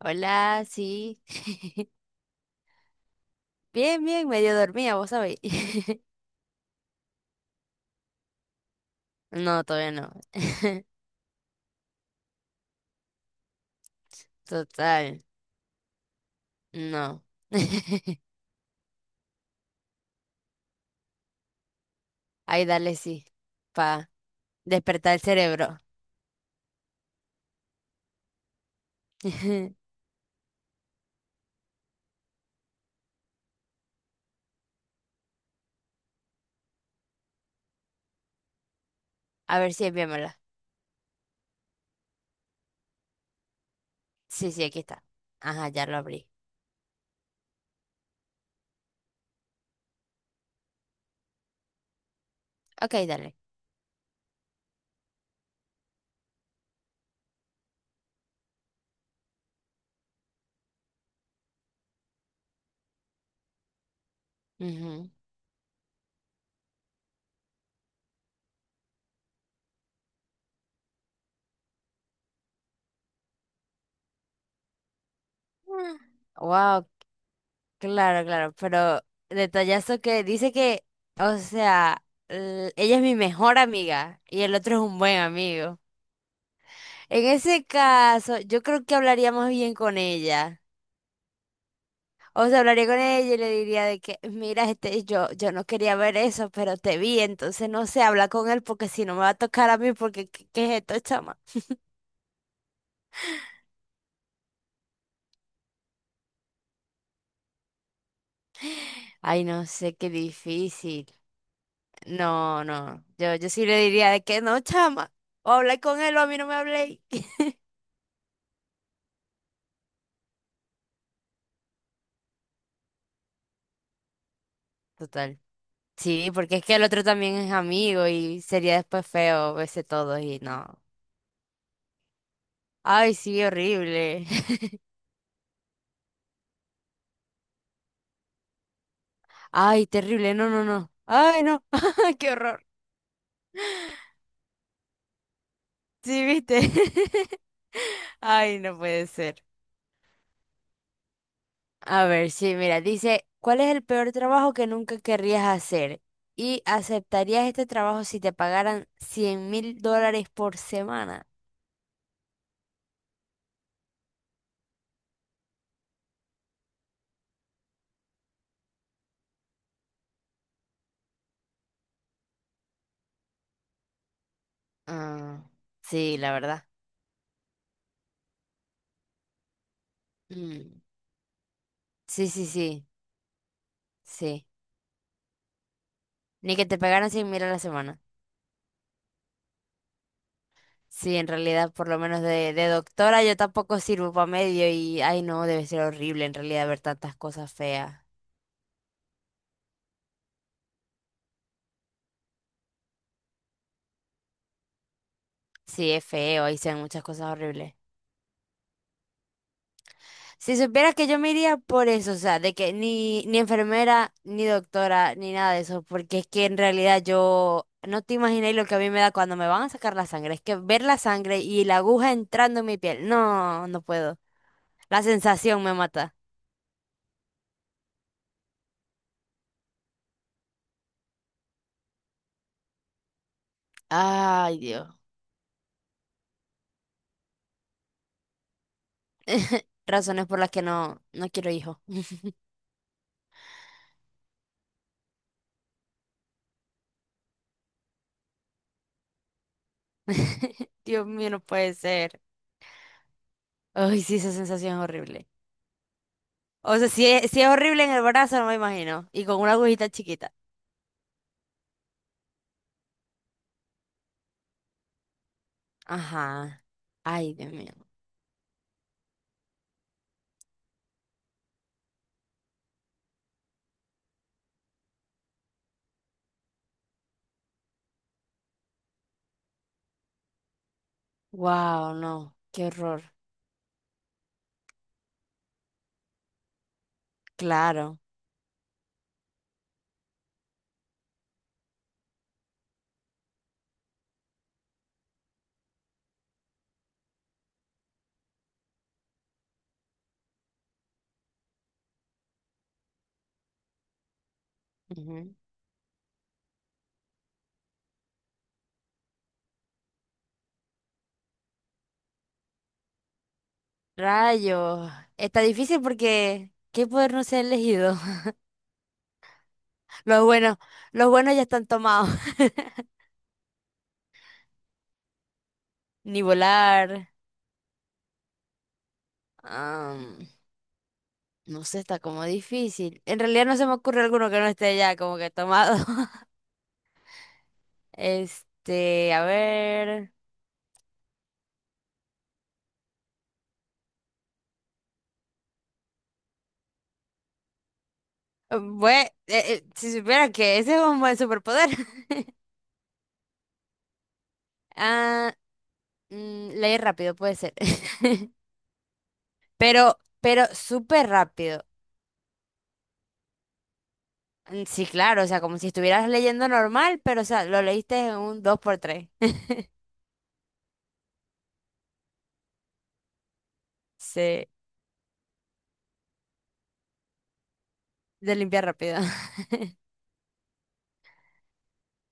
Hola, sí. Bien, bien, medio dormía, vos sabéis. No, todavía no. Total, no. Ahí dale, sí. Pa despertar el cerebro. A ver si enviámosla. Sí, sí, aquí está. Ajá, ya lo abrí. Ok, dale. Ujú. Wow, claro, claro. Pero detallazo que dice que, o sea, ella es mi mejor amiga y el otro es un buen amigo. En ese caso, yo creo que hablaría más bien con ella. O sea, hablaría con ella y le diría de que, mira, este, yo no quería ver eso, pero te vi, entonces no sé, habla con él porque si no me va a tocar a mí, porque ¿qué es esto, chama? Ay, no sé, qué difícil. No, no, yo sí le diría de que no, chama, o habla con él o a mí no me hablé. Total. Sí, porque es que el otro también es amigo y sería después feo verse todos y no. Ay, sí, horrible. Ay, terrible, no, no, no. Ay, no, qué horror. Sí, viste. Ay, no puede ser. A ver, sí, mira, dice, ¿cuál es el peor trabajo que nunca querrías hacer? ¿Y aceptarías este trabajo si te pagaran $100.000 por semana? Ah, sí, la verdad. Mm, sí, sí, sí, sí. Ni que te pagaran 100.000 a la semana. Sí, en realidad, por lo menos de, doctora, yo tampoco sirvo para medio y, ay, no, debe ser horrible en realidad ver tantas cosas feas. Sí, es feo, y se ven muchas cosas horribles. Si supieras que yo me iría por eso, o sea, de que ni enfermera, ni doctora, ni nada de eso, porque es que en realidad yo no te imaginé lo que a mí me da cuando me van a sacar la sangre. Es que ver la sangre y la aguja entrando en mi piel, no, no puedo. La sensación me mata. Ay, Dios. Razones por las que no, no quiero hijos. Dios mío, no puede ser. Ay, sí, esa sensación es horrible. O sea, si es horrible en el brazo, no me imagino. Y con una agujita chiquita. Ajá. Ay, Dios mío. Wow, no. Qué horror. Claro. Ujú. Rayos. Está difícil porque ¿qué poder no se ha elegido? Los buenos, los buenos ya están tomados. Ni volar. am, no sé, está como difícil. En realidad no se me ocurre alguno que no esté ya como que tomado. Este, a ver. Bueno, si supiera que ese es un buen superpoder. Ah, leer rápido puede ser. Pero súper rápido. Mm, sí, claro, o sea, como si estuvieras leyendo normal, pero, o sea, lo leíste en un dos por tres. Sí, de limpiar rápido.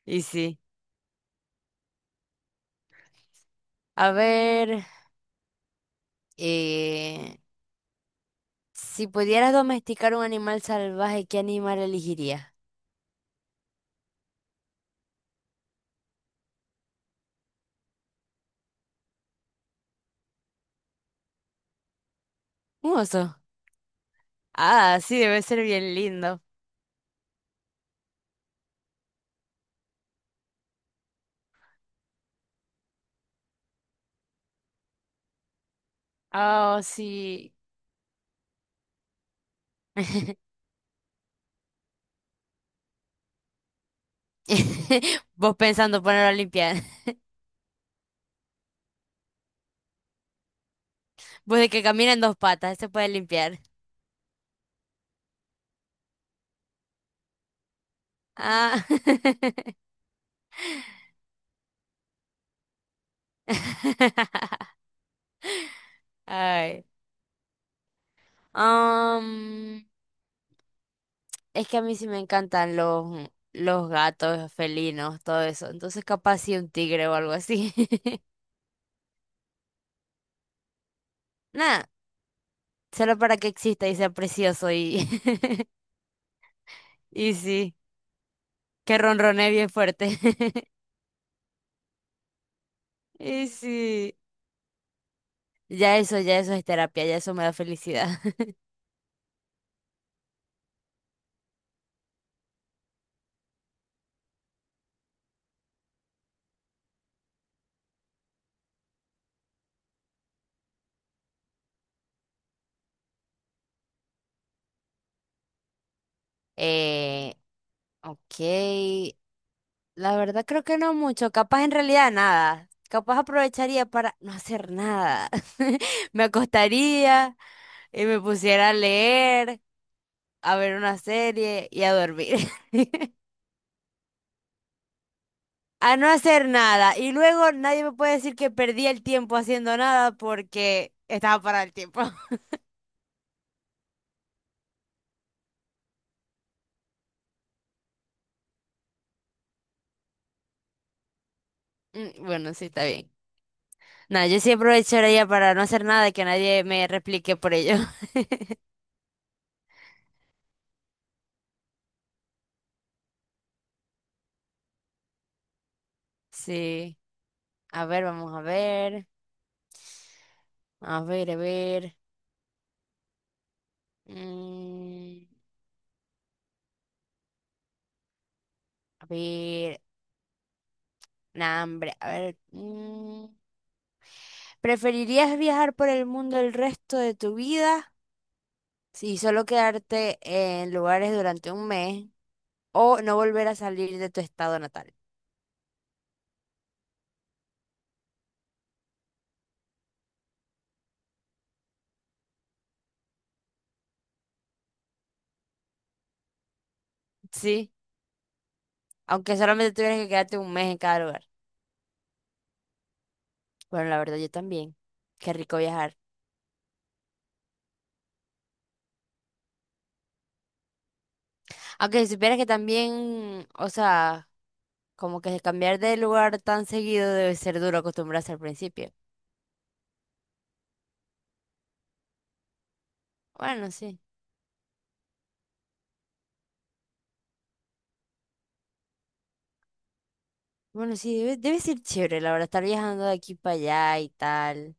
Y sí. A ver, eh, si pudieras domesticar un animal salvaje, ¿qué animal elegirías? Un oso. Ah, sí, debe ser bien lindo. Ah, sí. Vos pensando ponerlo a limpiar. Vos de que camina en dos patas, se puede limpiar. Ah. Ay. Am, es que a mí sí me encantan los, gatos, felinos, todo eso. Entonces capaz sí un tigre o algo así. Nada, solo para que exista y sea precioso y, y sí, que ronronee bien fuerte. Y sí, ya eso es terapia, ya eso me da felicidad. Eh, ok, la verdad creo que no mucho, capaz en realidad nada. Capaz aprovecharía para no hacer nada. Me acostaría y me pusiera a leer, a ver una serie y a dormir. A no hacer nada. Y luego nadie me puede decir que perdí el tiempo haciendo nada porque estaba parado el tiempo. Mm, bueno, sí, está bien. Nada, yo sí aprovecharía para no hacer nada y que nadie me replique por ello. Sí. A ver, vamos a ver. A ver, a ver. Mm. A ver, nah, hombre, a ver. ¿Preferirías viajar por el mundo el resto de tu vida y solo quedarte en lugares durante un mes o no volver a salir de tu estado natal? Sí, aunque solamente tuvieras que quedarte un mes en cada lugar. Bueno, la verdad, yo también. Qué rico viajar. Aunque si supieras que también, o sea, como que cambiar de lugar tan seguido debe ser duro acostumbrarse al principio. Bueno, sí. Bueno, sí, debe ser chévere, la verdad, estar viajando de aquí para allá y tal.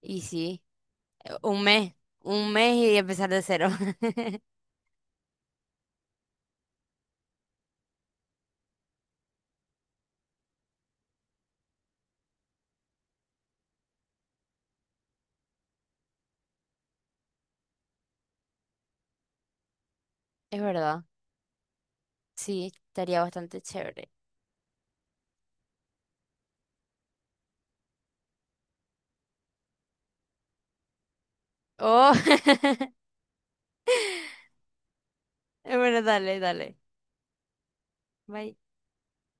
Y sí, un mes, un mes y empezar de cero. Es verdad, sí, estaría bastante chévere. Oh, bueno, dale, dale. Bye.